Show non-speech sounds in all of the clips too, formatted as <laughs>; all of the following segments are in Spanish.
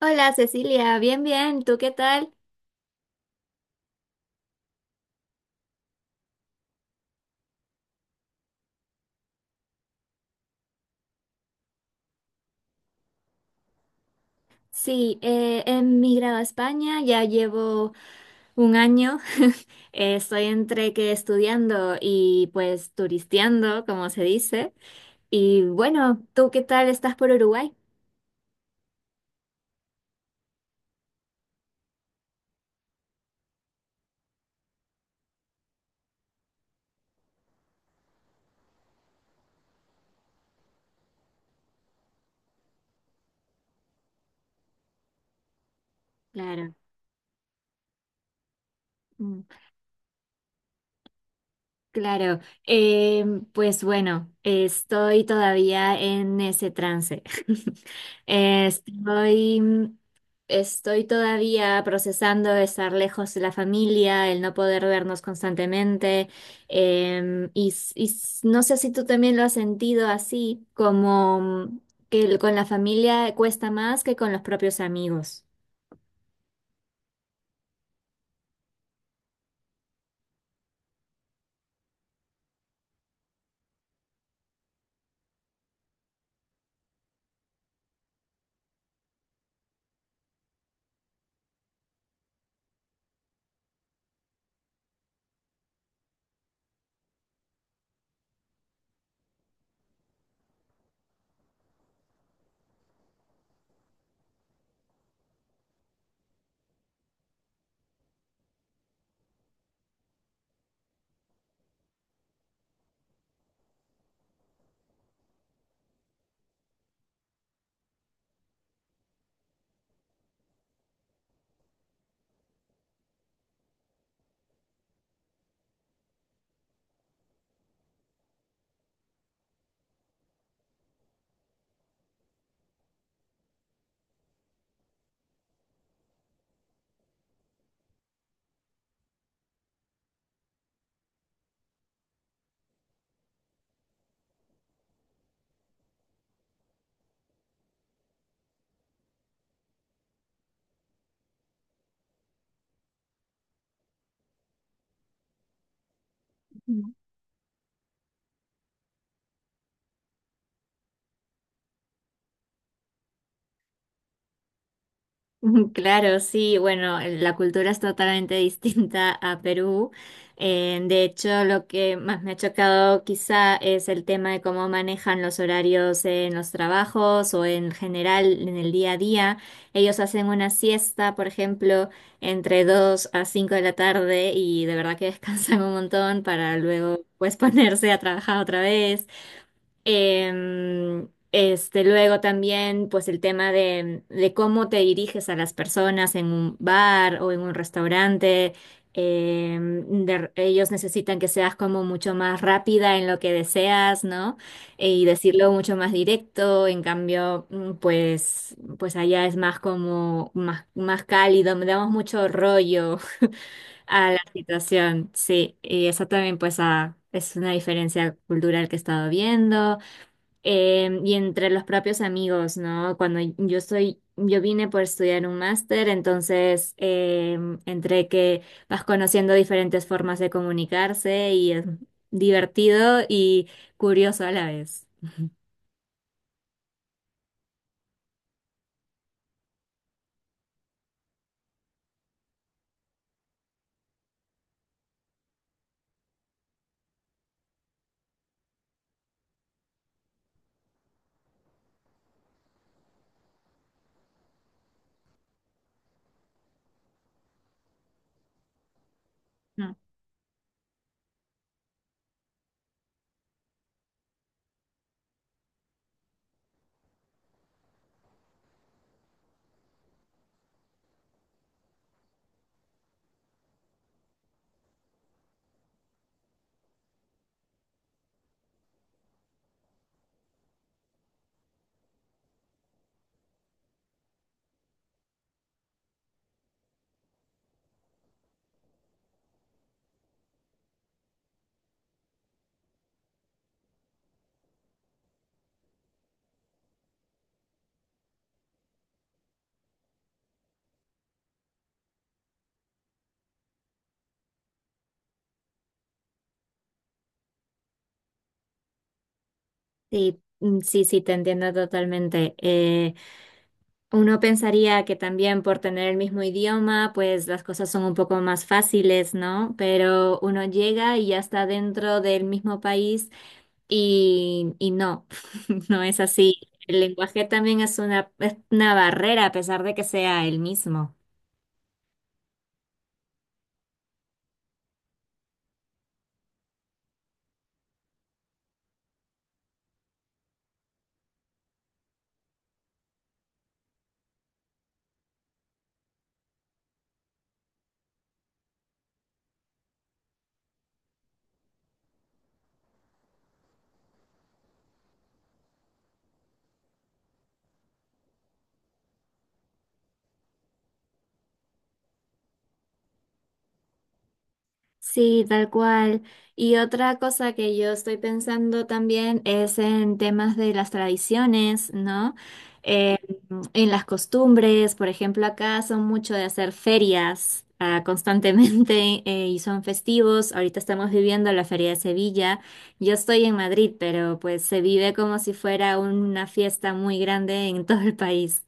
Hola Cecilia, bien, bien, ¿tú qué tal? Sí, he emigrado a España, ya llevo un año. <laughs> Estoy entre que estudiando y pues turisteando, como se dice. Y bueno, ¿tú qué tal estás por Uruguay? Claro. Claro, eh, pues bueno, estoy todavía en ese trance. <laughs> Estoy, mm, estoy todavía procesando estar lejos de la familia, el no poder vernos constantemente, y, no sé si tú también lo has sentido así, como que con la familia cuesta más que con los propios amigos. <laughs> Claro, sí, bueno, la cultura es totalmente <laughs> distinta a Perú. De hecho, lo que más me ha chocado quizá es el tema de cómo manejan los horarios en los trabajos o en general en el día a día. Ellos hacen una siesta, por ejemplo, entre 2 a 5 de la tarde y de verdad que <laughs> descansan un montón para luego pues <laughs> ponerse a trabajar otra vez. Este, luego también, pues el tema de cómo te diriges a las personas en un bar o en un restaurante. Ellos necesitan que seas como mucho más rápida en lo que deseas, ¿no? Y decirlo mucho más directo. En cambio, pues, pues allá es más como más, más cálido, me damos mucho rollo <laughs> a la situación, sí. Y eso también, pues, ah, es una diferencia cultural que he estado viendo y entre los propios amigos, ¿no? Yo vine por estudiar un máster, entonces entre que vas conociendo diferentes formas de comunicarse y es divertido y curioso a la vez. Mm. Sí, sí, sí, te entiendo totalmente. Uno pensaría que también por tener el mismo idioma, pues las cosas son un poco más fáciles, ¿no? Pero uno llega y ya está dentro del mismo país y no, <laughs> no es así. El lenguaje también es una barrera a pesar de que sea el mismo. Sí, tal cual. Y otra cosa que yo estoy pensando también es en temas de las tradiciones, ¿no? Eh, en las costumbres, por ejemplo, acá son mucho de hacer ferias, ah, constantemente <laughs> y son festivos. Ahorita estamos viviendo la Feria de Sevilla. Yo estoy en Madrid, pero pues se vive como si fuera una fiesta muy grande en <laughs> todo el país.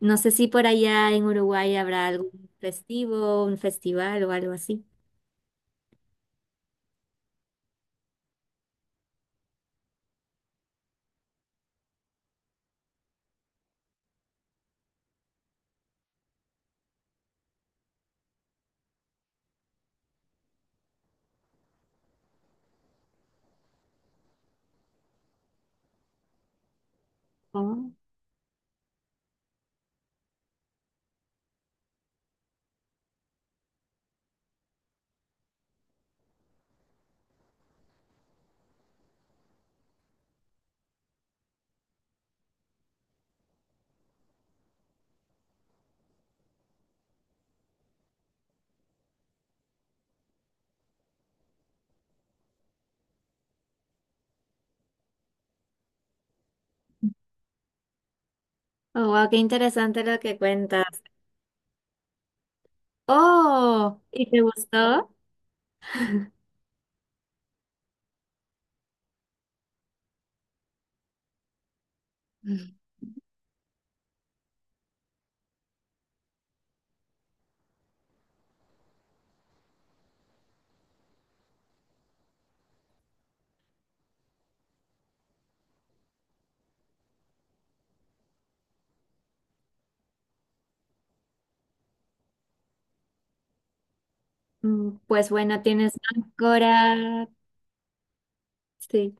No sé si por allá en Uruguay habrá algún festivo, un festival o algo así. Oh, wow, qué interesante lo que cuentas. Oh, ¿y te gustó? <laughs> Mm, pues bueno, tienes Ancora. Sí.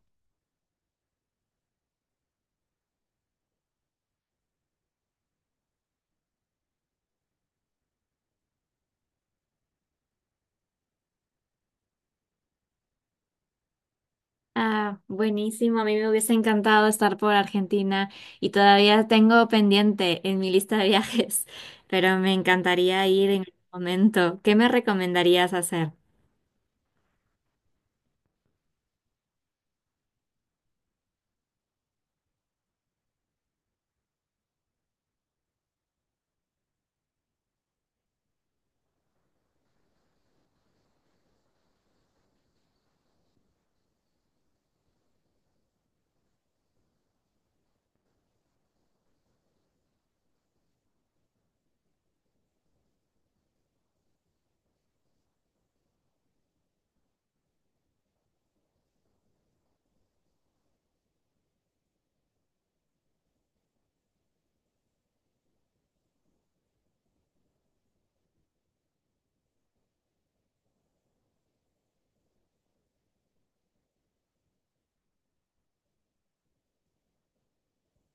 Ah, buenísimo. A mí me hubiese encantado estar por Argentina y todavía tengo pendiente en mi lista de viajes, <laughs> pero me encantaría ir en algún momento. ¿Qué me recomendarías hacer?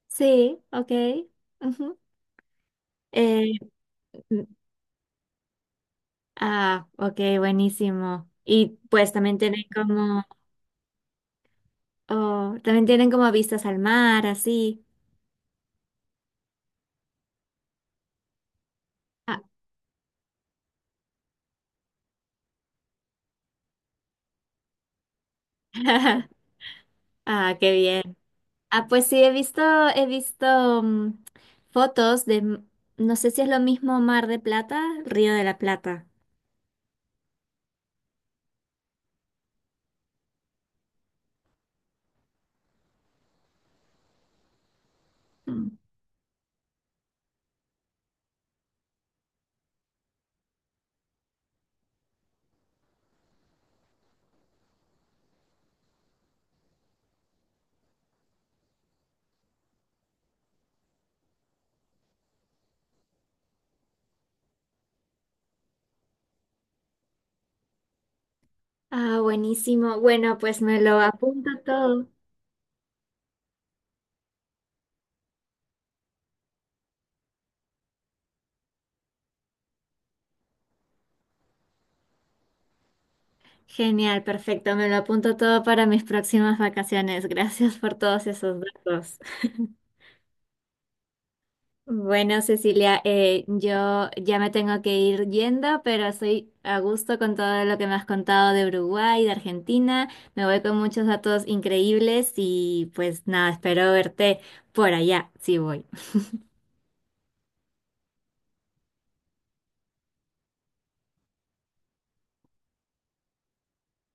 Sí, ok. Ujú. Eh, mm, ah, ok, buenísimo. Y pues también tienen como... Oh, también tienen como vistas al mar, así. Ah, <laughs> ah, qué bien. Ah, pues sí, he visto, he visto fotos de, no sé si es lo mismo Mar de Plata, Río de la Plata. Mm. Ah, buenísimo. Bueno, pues me lo apunto todo. Genial, perfecto. Me lo apunto todo para mis próximas vacaciones. Gracias por todos esos datos. Bueno, Cecilia, yo ya me tengo que ir yendo, pero estoy a gusto con todo lo que me has contado de Uruguay, de Argentina. Me voy con muchos datos increíbles y pues nada, espero verte por allá, si voy.